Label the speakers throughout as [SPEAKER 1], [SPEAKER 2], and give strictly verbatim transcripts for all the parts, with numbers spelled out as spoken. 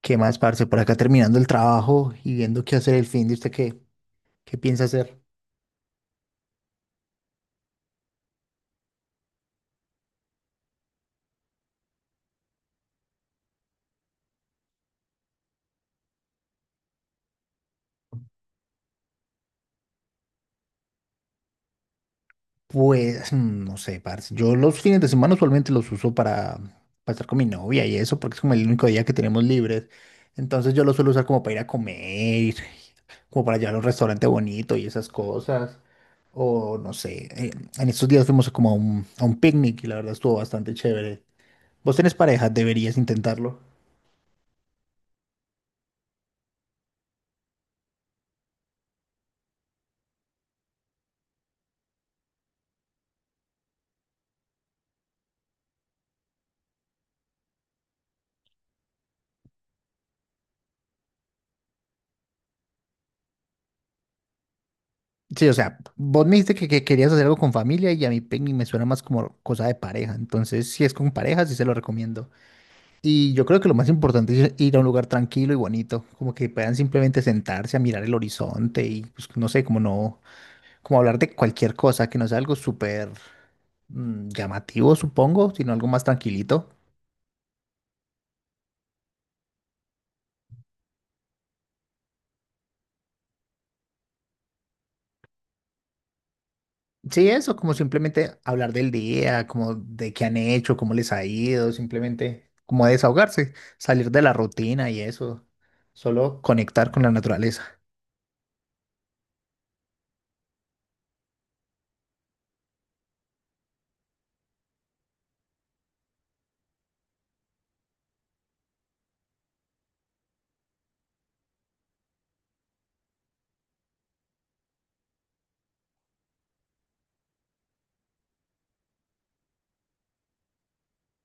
[SPEAKER 1] ¿Qué más, parce? Por acá terminando el trabajo y viendo qué hacer el fin de usted, ¿qué, qué piensa hacer? Pues, mm, no sé, parce. Yo los fines de semana usualmente los uso para, para estar con mi novia y eso, porque es como el único día que tenemos libres. Entonces yo los suelo usar como para ir a comer, como para llevar a un restaurante bonito y esas cosas. O no sé, eh, en estos días fuimos como a un, a un picnic y la verdad estuvo bastante chévere. ¿Vos tenés pareja? Deberías intentarlo. Sí, o sea, vos me dijiste que, que querías hacer algo con familia y a mí picnic me suena más como cosa de pareja. Entonces, si es con pareja, sí se lo recomiendo. Y yo creo que lo más importante es ir a un lugar tranquilo y bonito, como que puedan simplemente sentarse a mirar el horizonte y pues, no sé, como no, como hablar de cualquier cosa que no sea algo súper mm, llamativo, supongo, sino algo más tranquilito. Sí, eso, como simplemente hablar del día, como de qué han hecho, cómo les ha ido, simplemente como desahogarse, salir de la rutina y eso, solo conectar con la naturaleza.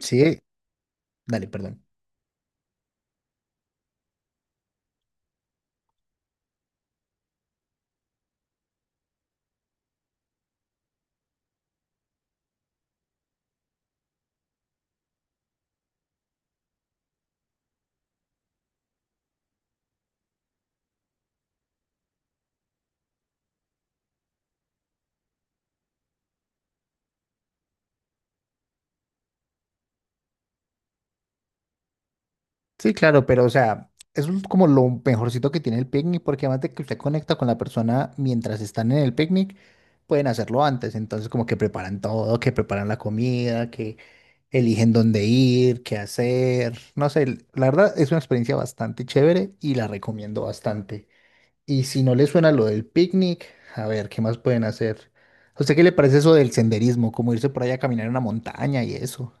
[SPEAKER 1] Sí, dale, perdón. Sí, claro, pero o sea, eso es como lo mejorcito que tiene el picnic, porque además de que usted conecta con la persona mientras están en el picnic, pueden hacerlo antes, entonces como que preparan todo, que preparan la comida, eligen dónde ir, qué hacer. No sé, l- la verdad es una experiencia bastante chévere y la recomiendo bastante. Y si no les suena lo del picnic, a ver, ¿qué más pueden hacer? ¿A usted qué le parece eso del senderismo? Como irse por allá a caminar en una montaña y eso.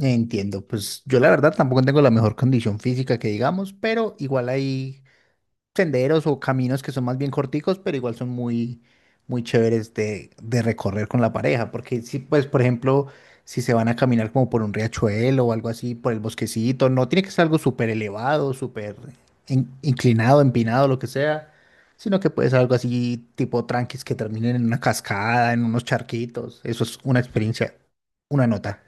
[SPEAKER 1] Entiendo, pues yo la verdad tampoco tengo la mejor condición física que digamos, pero igual ahí senderos o caminos que son más bien corticos, pero igual son muy, muy chéveres de, de recorrer con la pareja, porque si, pues, por ejemplo, si se van a caminar como por un riachuelo o algo así, por el bosquecito, no tiene que ser algo súper elevado, súper in- inclinado, empinado, lo que sea, sino que puede ser algo así tipo tranquis que terminen en una cascada, en unos charquitos, eso es una experiencia, una nota.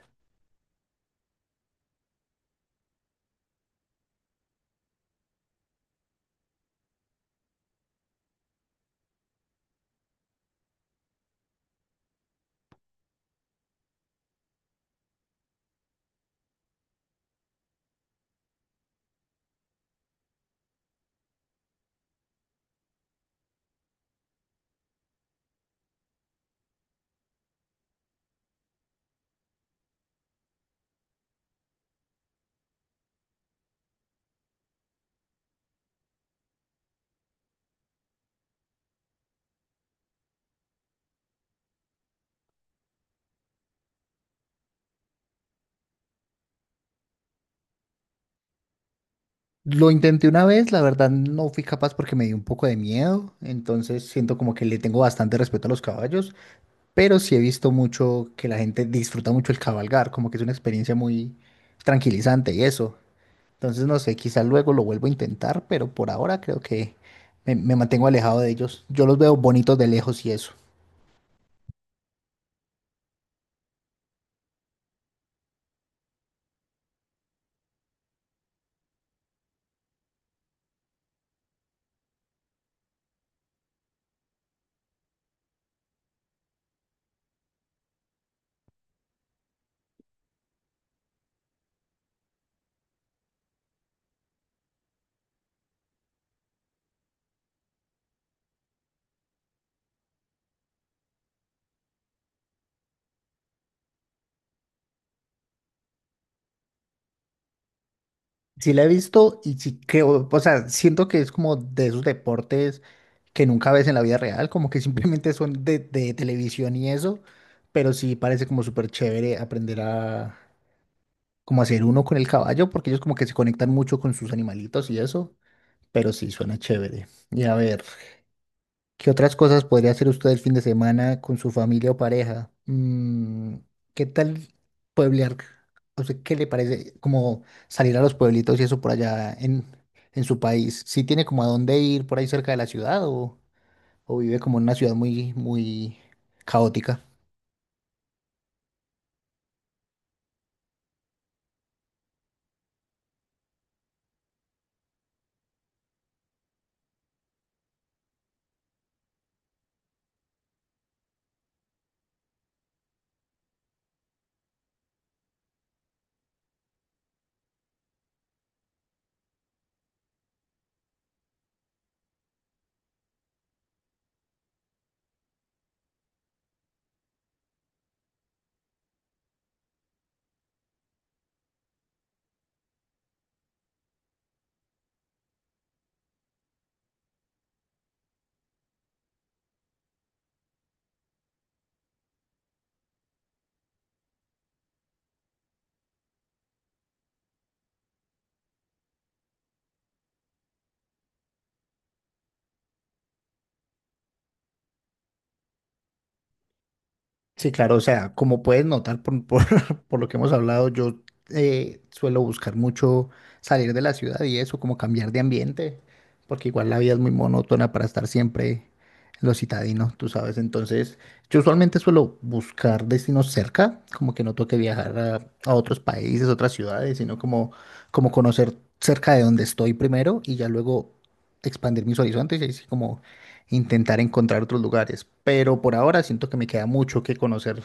[SPEAKER 1] Lo intenté una vez, la verdad no fui capaz porque me dio un poco de miedo, entonces siento como que le tengo bastante respeto a los caballos, pero sí he visto mucho que la gente disfruta mucho el cabalgar, como que es una experiencia muy tranquilizante y eso. Entonces no sé, quizás luego lo vuelvo a intentar, pero por ahora creo que me, me mantengo alejado de ellos. Yo los veo bonitos de lejos y eso. Sí la he visto y sí creo, o sea, siento que es como de esos deportes que nunca ves en la vida real, como que simplemente son de, de televisión y eso, pero sí parece como súper chévere aprender a como hacer uno con el caballo, porque ellos como que se conectan mucho con sus animalitos y eso, pero sí suena chévere. Y a ver. ¿Qué otras cosas podría hacer usted el fin de semana con su familia o pareja? Mm, ¿qué tal pueblear? O sea, ¿qué le parece como salir a los pueblitos y eso por allá en, en su país? ¿Sí tiene como a dónde ir por ahí cerca de la ciudad o, o vive como en una ciudad muy, muy caótica? Sí, claro, o sea, como puedes notar por, por, por lo que hemos hablado, yo eh, suelo buscar mucho salir de la ciudad y eso, como cambiar de ambiente, porque igual la vida es muy monótona para estar siempre en lo citadino, tú sabes. Entonces, yo usualmente suelo buscar destinos cerca, como que no toque viajar a, a otros países, otras ciudades, sino como, como conocer cerca de donde estoy primero y ya luego expandir mis horizontes y así como intentar encontrar otros lugares. Pero por ahora siento que me queda mucho que conocer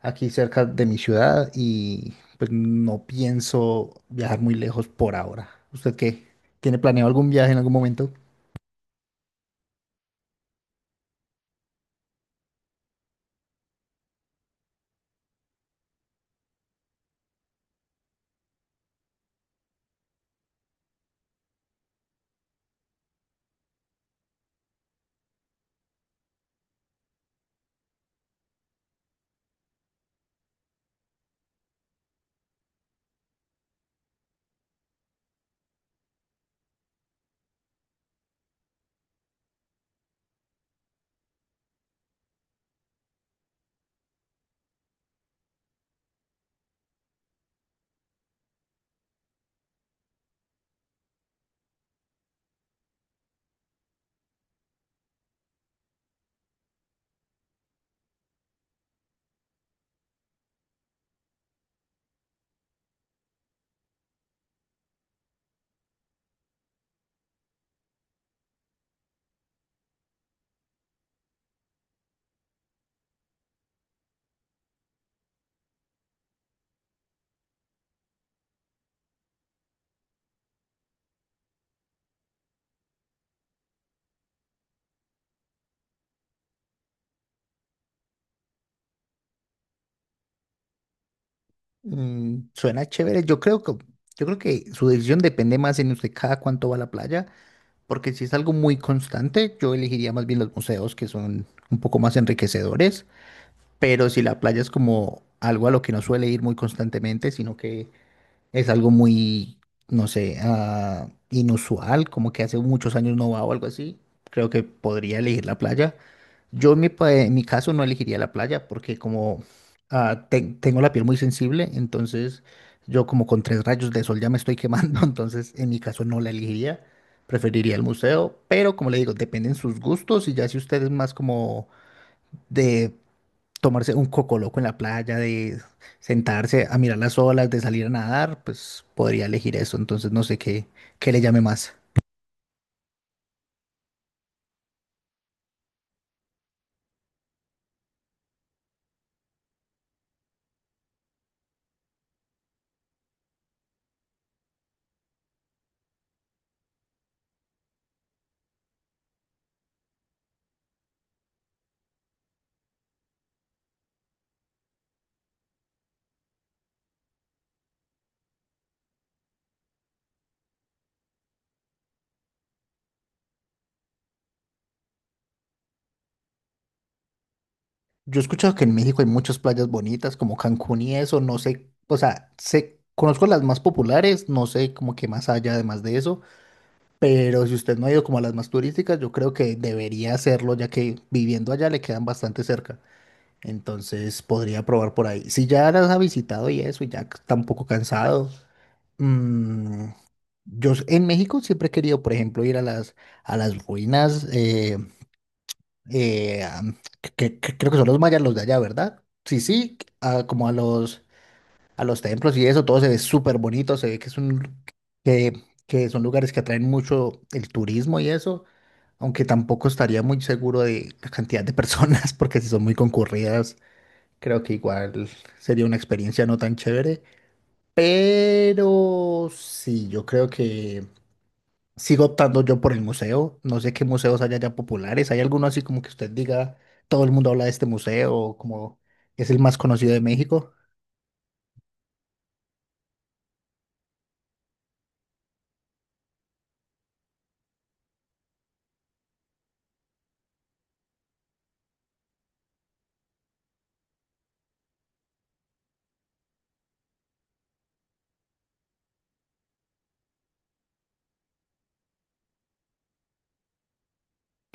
[SPEAKER 1] aquí cerca de mi ciudad y pues no pienso viajar muy lejos por ahora. ¿Usted qué? ¿Tiene planeado algún viaje en algún momento? Mm, suena chévere. Yo creo que, yo creo que su decisión depende más en usted cada cuánto va a la playa, porque si es algo muy constante, yo elegiría más bien los museos que son un poco más enriquecedores. Pero si la playa es como algo a lo que no suele ir muy constantemente, sino que es algo muy, no sé, ah, inusual, como que hace muchos años no va o algo así. Creo que podría elegir la playa. Yo en mi, pa- en mi caso no elegiría la playa porque como ah, ten- tengo la piel muy sensible, entonces yo como con tres rayos de sol ya me estoy quemando, entonces en mi caso no la elegiría. Preferiría el museo, pero como le digo, dependen sus gustos y ya si usted es más como de tomarse un cocoloco en la playa, de sentarse a mirar las olas, de salir a nadar, pues podría elegir eso. Entonces no sé qué, qué le llame más. Yo he escuchado que en México hay muchas playas bonitas, como Cancún y eso, no sé, o sea, sé, conozco las más populares, no sé como que más allá además de eso, pero si usted no ha ido como a las más turísticas, yo creo que debería hacerlo, ya que viviendo allá le quedan bastante cerca. Entonces podría probar por ahí. Si ya las ha visitado y eso, y ya tampoco cansado. Mm, Yo s- en México siempre he querido, por ejemplo, ir a las, a las ruinas, eh, eh, a- que, que- creo que son los mayas los de allá, ¿verdad? Sí, sí, a- como a los, a los templos y eso, todo se ve súper bonito, se ve que es un, que, que son lugares que atraen mucho el turismo y eso, aunque tampoco estaría muy seguro de la cantidad de personas, porque si son muy concurridas, creo que igual sería una experiencia no tan chévere, pero sí, yo creo que... Sigo optando yo por el museo. No sé qué museos hay allá populares. ¿Hay alguno así como que usted diga, todo el mundo habla de este museo, o como es el más conocido de México?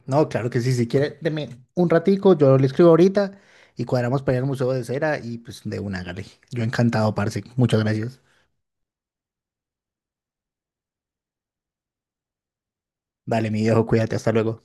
[SPEAKER 1] No, claro que sí. Si quiere, deme un ratico, yo le escribo ahorita y cuadramos para ir al Museo de Cera y pues de una, hágale. Yo encantado, parce. Muchas gracias. Dale, mi viejo, cuídate, hasta luego.